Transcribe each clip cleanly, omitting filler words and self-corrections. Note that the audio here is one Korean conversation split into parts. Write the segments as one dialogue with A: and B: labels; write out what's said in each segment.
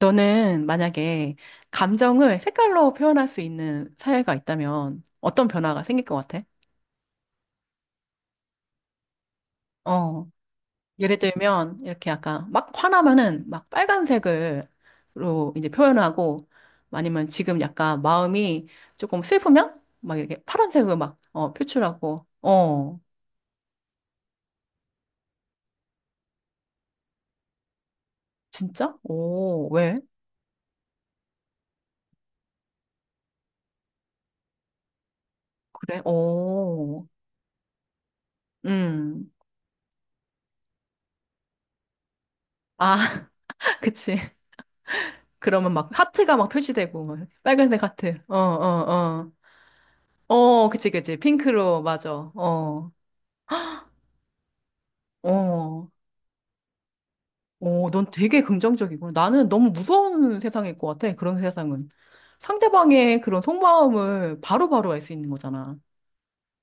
A: 너는 만약에 감정을 색깔로 표현할 수 있는 사회가 있다면 어떤 변화가 생길 것 같아? 어, 예를 들면 이렇게 약간 막 화나면은 막 빨간색으로 이제 표현하고 아니면 지금 약간 마음이 조금 슬프면 막 이렇게 파란색으로 막 표출하고 어, 진짜? 오, 왜? 그래? 오, 음, 아, 그치. 그러면 막 하트가 막 표시되고 막 빨간색 하트. 어, 어, 어. 어, 그치, 그치. 핑크로, 맞아. 어, 어, 어, 넌 되게 긍정적이고. 나는 너무 무서운 세상일 것 같아, 그런 세상은. 상대방의 그런 속마음을 바로바로 알 수 있는 거잖아.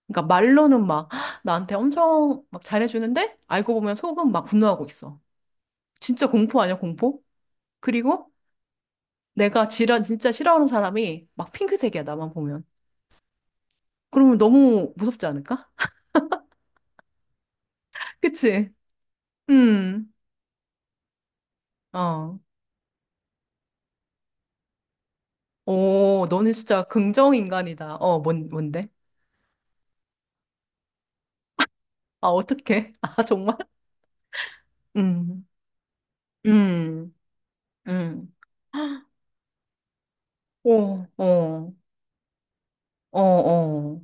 A: 그러니까 말로는 막 "헉, 나한테 엄청 막 잘해주는데 알고 보면 속은 막 분노하고 있어. 진짜 공포 아니야, 공포? 그리고 진짜 싫어하는 사람이 막 핑크색이야, 나만 보면. 그러면 너무 무섭지 않을까? 그치? 음, 어. 오, 너는 진짜 긍정 인간이다. 어, 뭔데? 아, 어떡해? 아, 정말? 음, 음, 음. 오, 어, 어, 어.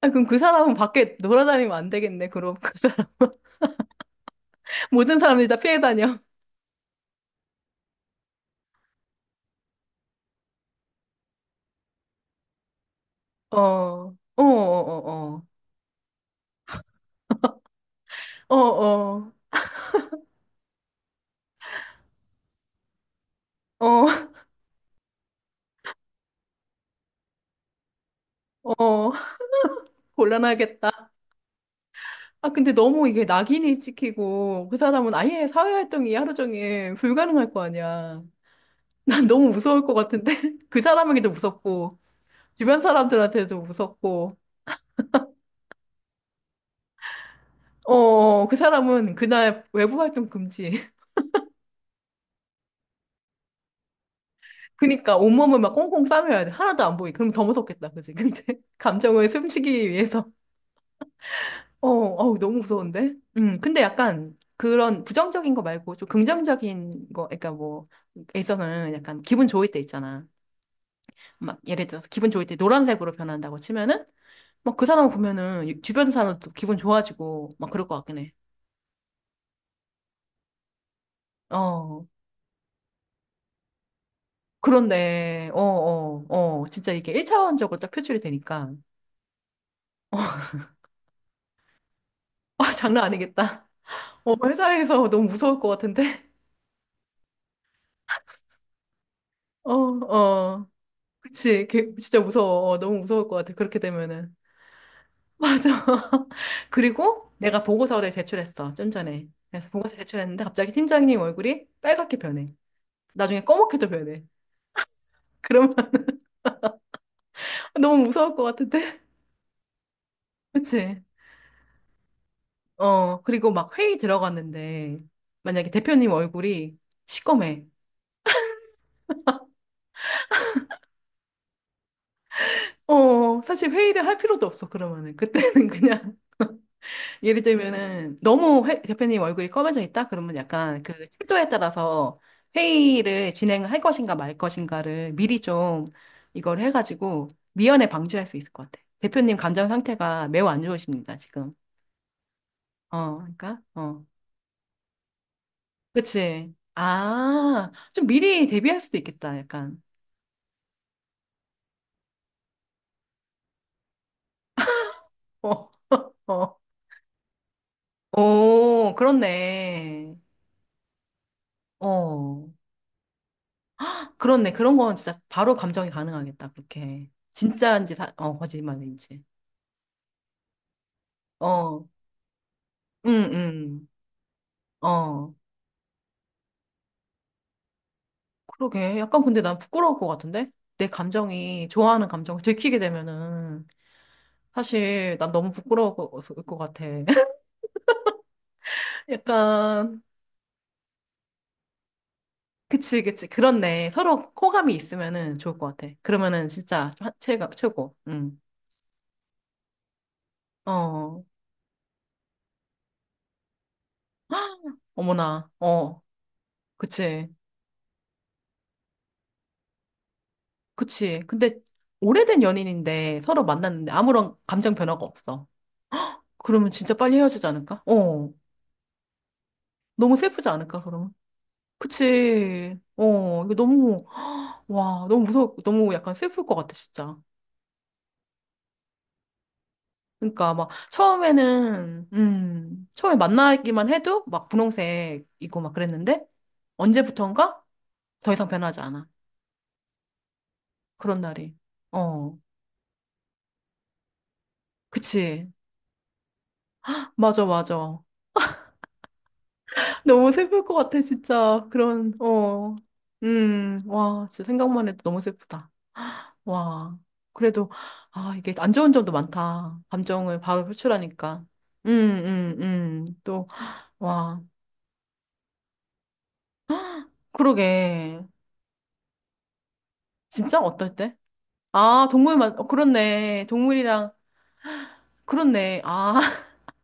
A: 아, 그럼 그 사람은 밖에 놀아다니면 안 되겠네. 그럼 그 사람, 모든 사람들이 다 피해 다녀. 어, 어, 어, 어, 어, 어, 어, 어, 어. 곤란하겠다. 아, 근데 너무 이게 낙인이 찍히고 그 사람은 아예 사회활동이 하루 종일 불가능할 거 아니야. 난 너무 무서울 것 같은데? 그 사람에게도 무섭고. 주변 사람들한테도 무섭고, 어, 그 사람은 그날 외부 활동 금지. 그니까 온몸을 막 꽁꽁 싸매야 돼. 하나도 안 보이게. 그럼 더 무섭겠다, 그지? 근데 감정을 숨기기 위해서. 어, 어우, 너무 무서운데? 근데 약간 그런 부정적인 거 말고 좀 긍정적인 거, 그러니까 뭐, 에 있어서는 약간 기분 좋을 때 있잖아. 막 예를 들어서 기분 좋을 때 노란색으로 변한다고 치면은 막 그 사람 보면은 주변 사람도 기분 좋아지고 막 그럴 것 같긴 해. 어. 그렇네. 어, 어, 어. 진짜 이게 1차원적으로 딱 표출이 되니까. 아, 장난 아니겠다. 어, 회사에서 너무 무서울 것 같은데? 어, 어. 그치. 걔 진짜 무서워. 어, 너무 무서울 것 같아. 그렇게 되면은. 맞아. 그리고 내가 보고서를 제출했어. 좀 전에. 그래서 보고서 제출했는데 갑자기 팀장님 얼굴이 빨갛게 변해. 나중에 검맣게도 변해. 그러면 너무 무서울 것 같은데? 그치. 어, 그리고 막 회의 들어갔는데 만약에 대표님 얼굴이 시꺼매. 어, 사실 회의를 할 필요도 없어, 그러면은. 그때는 그냥. 예를 들면은 대표님 얼굴이 검해져 있다? 그러면 약간 그 태도에 따라서 회의를 진행할 것인가 말 것인가를 미리 좀 이걸 해가지고 미연에 방지할 수 있을 것 같아. 대표님 감정 상태가 매우 안 좋으십니다, 지금. 어, 그러니까, 어. 그치. 아, 좀 미리 대비할 수도 있겠다, 약간. 어, 어. 오, 그렇네. 어. 그렇네. 그런 건 진짜 바로 감정이 가능하겠다. 그렇게. 진짜인지, 사, 어, 거짓말인지. 어, 응, 응. 어, 그러게. 약간 근데 난 부끄러울 것 같은데? 내 감정이, 좋아하는 감정을 들키게 되면은, 사실 난 너무 부끄러울 것 같아. 약간, 그치, 그치. 그렇네. 서로 호감이 있으면은 좋을 것 같아. 그러면은 진짜 최고. 응. 어, 어머나. 어, 그치. 그치. 근데 오래된 연인인데 서로 만났는데 아무런 감정 변화가 없어. 그러면 진짜 빨리 헤어지지 않을까? 어. 너무 슬프지 않을까, 그러면? 그치. 어. 이거 너무, 와, 너무 무서워. 너무 약간 슬플 것 같아, 진짜. 그러니까 막 처음에는, 처음에 만나기만 해도 막 분홍색이고 막 그랬는데 언제부턴가 더 이상 변하지 않아. 그런 날이. 어. 그치. 맞아, 맞아. 너무 슬플 것 같아, 진짜. 그런, 어. 와, 진짜 생각만 해도 너무 슬프다. 와. 그래도, 아, 이게 안 좋은 점도 많다. 감정을 바로 표출하니까. 음, 또, 와. 그러게. 진짜? 어떨 때? 아, 동물만, 어, 그렇네. 동물이랑, 그렇네. 아.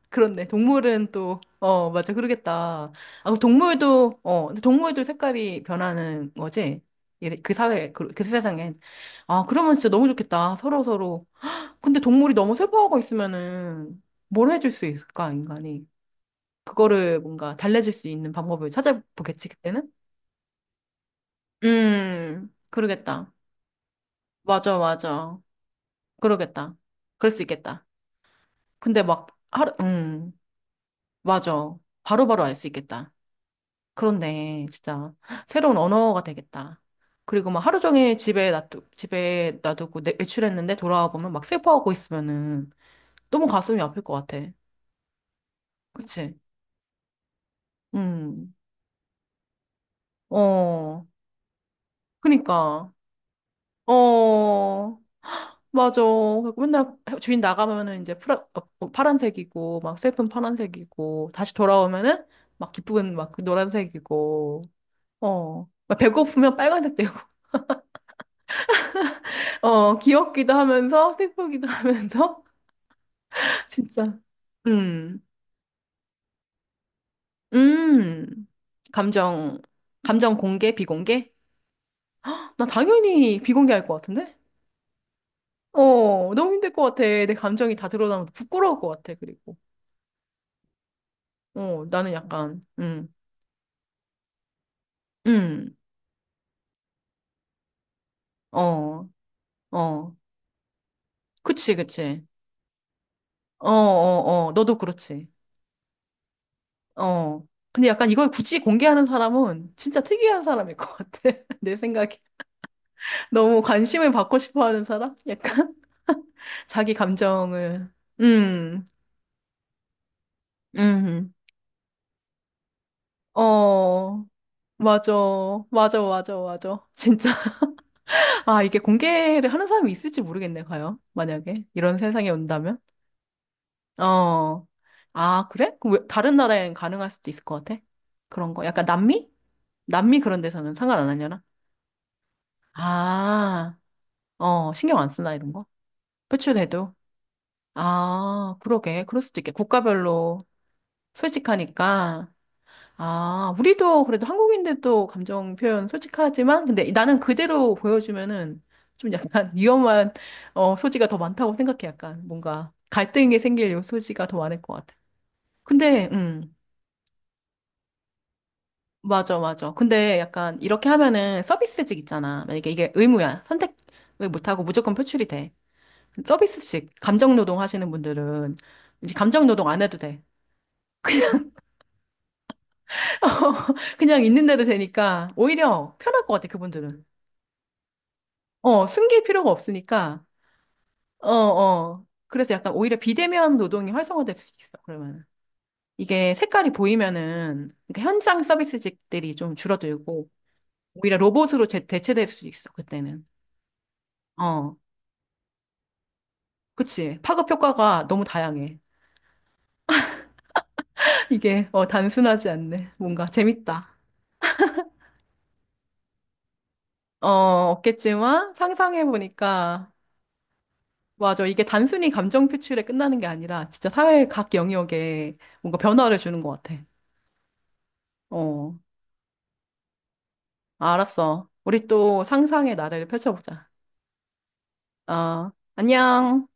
A: 그렇네. 동물은 또, 어, 맞아. 그러겠다. 아, 그럼 동물도, 어, 근데 동물도 색깔이 변하는 거지? 예, 그 세상엔. 아, 그러면 진짜 너무 좋겠다. 서로 서로. 근데 동물이 너무 슬퍼하고 있으면은 뭘 해줄 수 있을까, 인간이? 그거를 뭔가 달래줄 수 있는 방법을 찾아보겠지, 그때는? 그러겠다. 맞아, 맞아. 그러겠다. 그럴 수 있겠다. 근데 막, 하루, 맞아. 바로바로 알 수 있겠다. 그렇네. 진짜 새로운 언어가 되겠다. 그리고 막 하루 종일 집에 놔두고 내, 외출했는데 돌아와 보면 막 슬퍼하고 있으면은 너무 가슴이 아플 것 같아. 그치? 음. 어. 그니까. 어. 맞아. 그리고 맨날 주인 나가면은 이제 파란색이고 막 슬픈 파란색이고 다시 돌아오면은 막 기쁜 막그 노란색이고 어. 막 배고프면 빨간색 되고 어, 귀엽기도 하면서, 슬프기도 하면서, 진짜. 음, 음. 감정, 감정 공개, 비공개? 나 당연히 비공개할 것 같은데? 어, 너무 힘들 것 같아. 내 감정이 다 드러나면 부끄러울 것 같아, 그리고. 어, 나는 약간, 음, 어, 어. 그치, 그치. 어, 어, 어. 너도 그렇지. 어. 근데 약간 이걸 굳이 공개하는 사람은 진짜 특이한 사람일 것 같아. 내 생각에. 너무 관심을 받고 싶어 하는 사람? 약간? 자기 감정을. 음. 음. 어, 맞아. 맞아, 맞아, 맞아. 진짜. 아, 이게 공개를 하는 사람이 있을지 모르겠네, 과연. 만약에. 이런 세상이 온다면. 어. 아, 그래? 그럼 왜, 다른 나라엔 가능할 수도 있을 것 같아? 그런 거. 약간 남미? 남미 그런 데서는 상관 안 하려나? 아, 어, 신경 안 쓰나, 이런 거? 표출해도. 아, 그러게. 그럴 수도 있겠. 국가별로 솔직하니까. 아, 우리도 그래도 한국인들도 감정 표현 솔직하지만, 근데 나는 그대로 보여주면은 좀 약간 위험한 어, 소지가 더 많다고 생각해. 약간 뭔가 갈등이 생길 요 소지가 더 많을 것 같아. 근데, 맞아, 맞아. 근데 약간 이렇게 하면은 서비스직 있잖아. 만약에 이게 의무야. 선택을 못하고 무조건 표출이 돼. 서비스직, 감정 노동 하시는 분들은 이제 감정 노동 안 해도 돼. 그냥 있는데도 되니까 오히려 편할 것 같아, 그분들은. 어, 숨길 필요가 없으니까, 어, 어. 그래서 약간 오히려 비대면 노동이 활성화될 수 있어, 그러면은. 이게 색깔이 보이면은, 그러니까 현장 서비스직들이 좀 줄어들고, 오히려 로봇으로 대체될 수 있어, 그때는. 어, 그치. 파급 효과가 너무 다양해. 이게, 어, 단순하지 않네. 뭔가 재밌다. 어, 없겠지만, 상상해보니까, 맞아. 이게 단순히 감정 표출에 끝나는 게 아니라, 진짜 사회 각 영역에 뭔가 변화를 주는 것 같아. 어. 알았어. 우리 또 상상의 나래를 펼쳐보자. 어, 안녕.